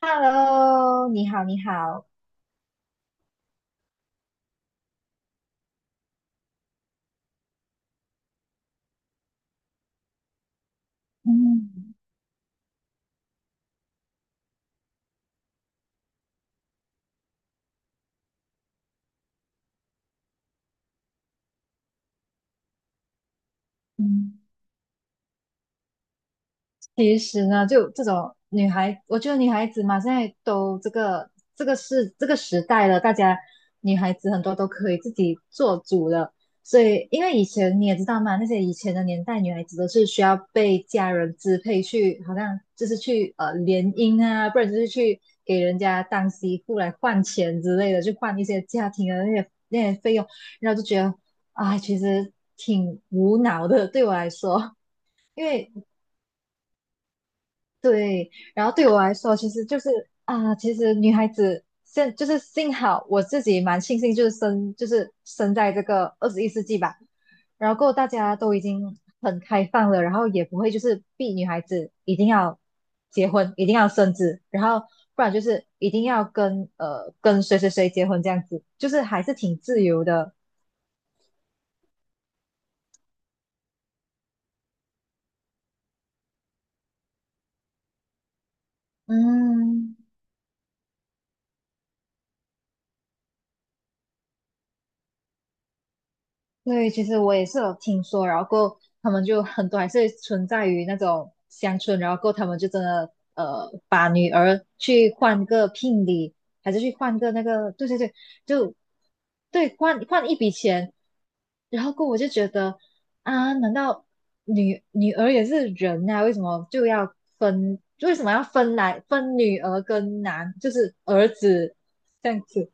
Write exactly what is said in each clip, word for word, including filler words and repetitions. Hello，你好，你好。嗯嗯，其实呢，就这种女孩，我觉得女孩子嘛，现在都这个这个是这个时代了，大家女孩子很多都可以自己做主了。所以，因为以前你也知道嘛，那些以前的年代，女孩子都是需要被家人支配去，好像就是去呃联姻啊，不然就是去给人家当媳妇来换钱之类的，去换一些家庭的那些那些费用，然后就觉得啊，其实挺无脑的，对我来说。因为对，然后对我来说，其实就是啊，其实女孩子现就是幸好我自己蛮庆幸，就是生就是生在这个二十一世纪吧，然后过后大家都已经很开放了，然后也不会就是逼女孩子一定要结婚，一定要生子，然后不然就是一定要跟呃跟谁谁谁结婚这样子，就是还是挺自由的。嗯，对，其实我也是有听说，然后过后他们就很多还是存在于那种乡村，然后过后他们就真的呃把女儿去换个聘礼，还是去换个那个，对对对，就对换换一笔钱，然后过后我就觉得啊，难道女女儿也是人啊？为什么就要分？为什么要分来分女儿跟男，就是儿子这样子？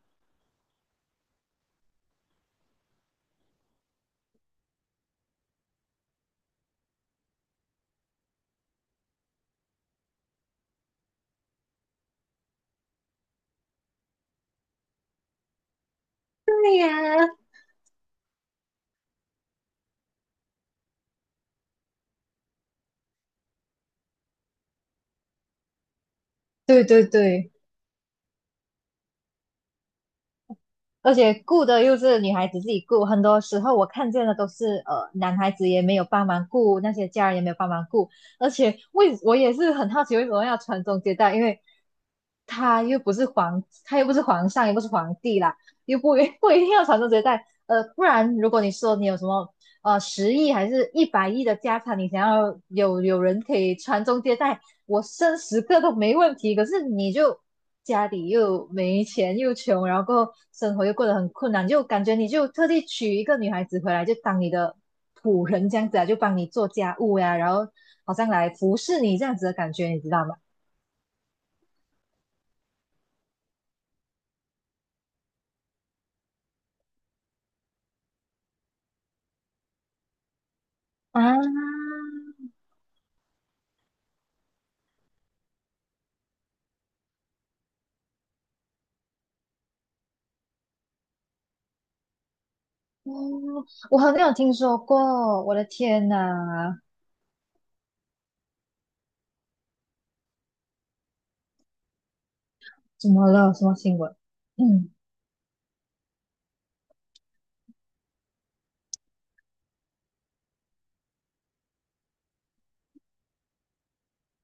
对呀，对对对。而且顾的又是女孩子自己顾，很多时候我看见的都是呃男孩子也没有帮忙顾，那些家人也没有帮忙顾，而且为我也是很好奇为什么要传宗接代，因为他又不是皇，他又不是皇上，也不是皇帝啦，又不 不一定要传宗接代，呃，不然如果你说你有什么呃十亿还是一百亿的家产，你想要有有人可以传宗接代，我生十个都没问题，可是你就家里又没钱又穷，然后生活又过得很困难，就感觉你就特地娶一个女孩子回来，就当你的仆人这样子啊，就帮你做家务呀、然后好像来服侍你这样子的感觉，你知道吗？啊，哦，我好像有听说过，我的天呐，怎么了？什么新闻？嗯，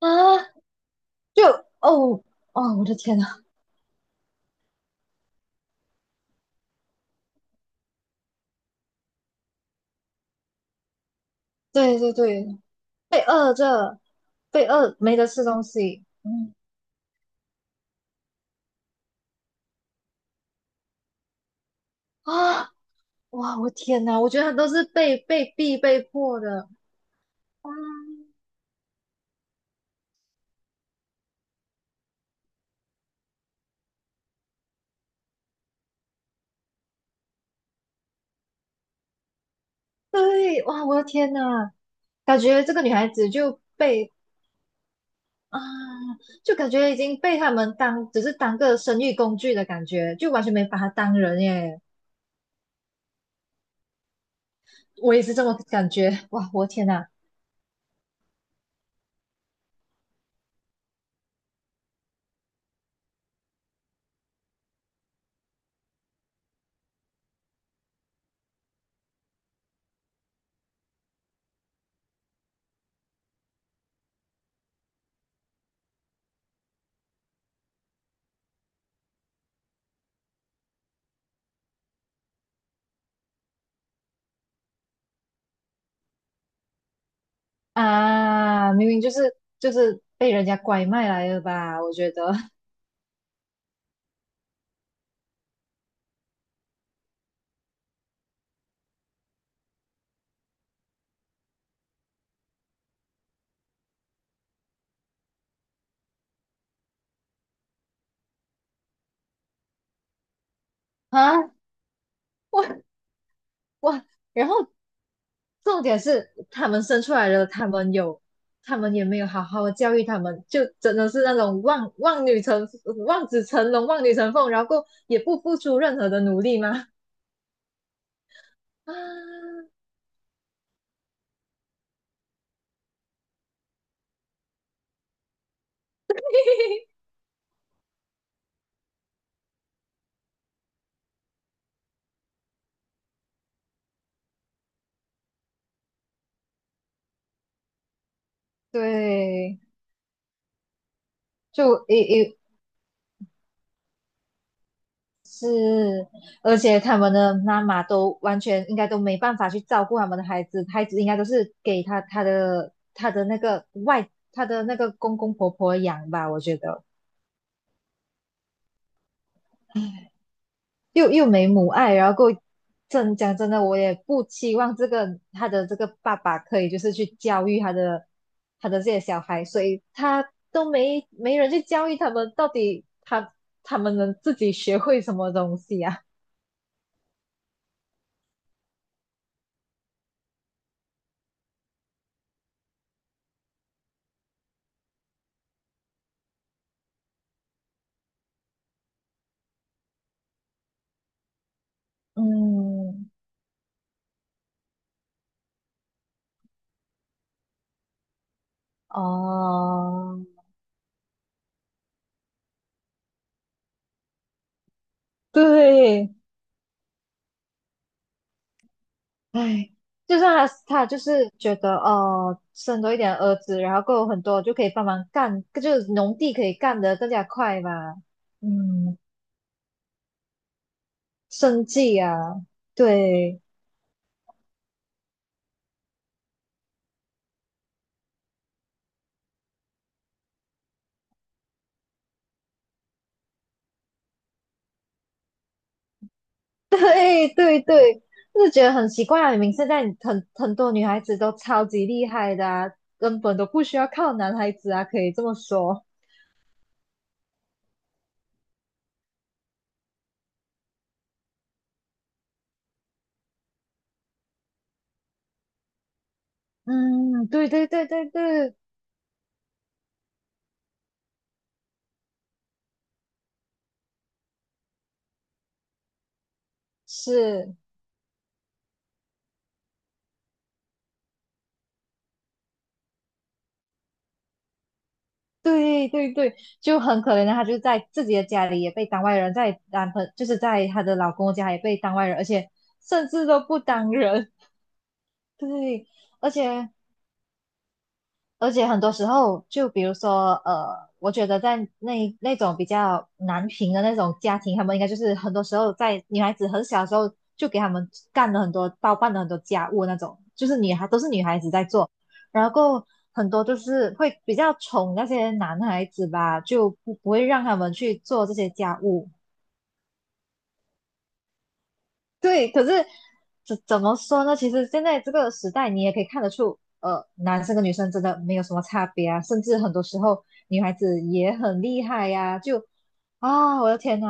啊，就哦哦，我的天呐，对对对，被饿着。被饿没得吃东西，嗯，啊，哇，我天哪，我觉得都是被被逼被迫的啊，对，哇，我的天哪，感觉这个女孩子就被啊，就感觉已经被他们当只是当个生育工具的感觉，就完全没把她当人耶，我也是这么感觉，哇，我的天哪，啊，明明就是就是被人家拐卖来的吧，我觉得 啊，我我。然后重点是他们生出来了，他们有，他们也没有好好的教育他们，就真的是那种望望女成望子成龙、望女成凤，然后也不付出任何的努力吗？啊，对，就也也是，而且他们的妈妈都完全应该都没办法去照顾他们的孩子，孩子应该都是给他他的他的那个外他的那个公公婆婆养吧，我觉得。又又没母爱，然后够真讲真的，我也不期望这个他的这个爸爸可以就是去教育他的他的这些小孩，所以他都没没人去教育他们，到底他他们能自己学会什么东西啊？嗯，哦，对，哎，就算他他就是觉得哦，生多一点儿子，然后够有很多就可以帮忙干，就是农地可以干得更加快嘛。嗯，生计啊，对 对对对，就是觉得很奇怪啊！明明现在很很多女孩子都超级厉害的啊，根本都不需要靠男孩子啊，可以这么说。嗯，对对对对对，是，对对对，就很可怜的，她就在自己的家里也被当外人，在男朋就是在她的老公家也被当外人，而且甚至都不当人，对，而且而且很多时候，就比如说，呃，我觉得在那那种比较难平的那种家庭，他们应该就是很多时候在女孩子很小的时候就给他们干了很多包办了很多家务那种，就是女孩都是女孩子在做，然后很多都是会比较宠那些男孩子吧，就不不会让他们去做这些家务。对，可是怎怎么说呢？其实现在这个时代，你也可以看得出，呃，男生跟女生真的没有什么差别啊，甚至很多时候女孩子也很厉害呀、就啊，我的天呐，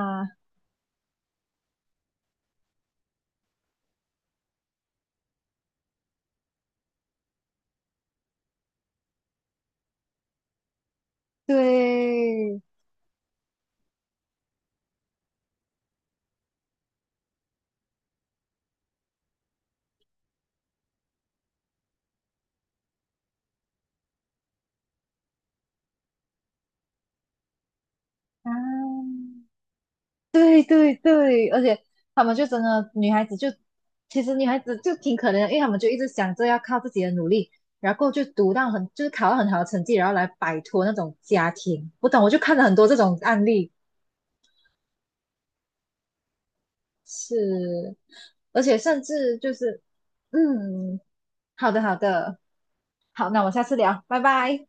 对啊，对对对，而且他们就真的女孩子就，其实女孩子就挺可怜的，因为他们就一直想着要靠自己的努力，然后就读到很就是考到很好的成绩，然后来摆脱那种家庭。我懂，我就看了很多这种案例。是，而且甚至就是，嗯，好的，好的，好，那我们下次聊，拜拜。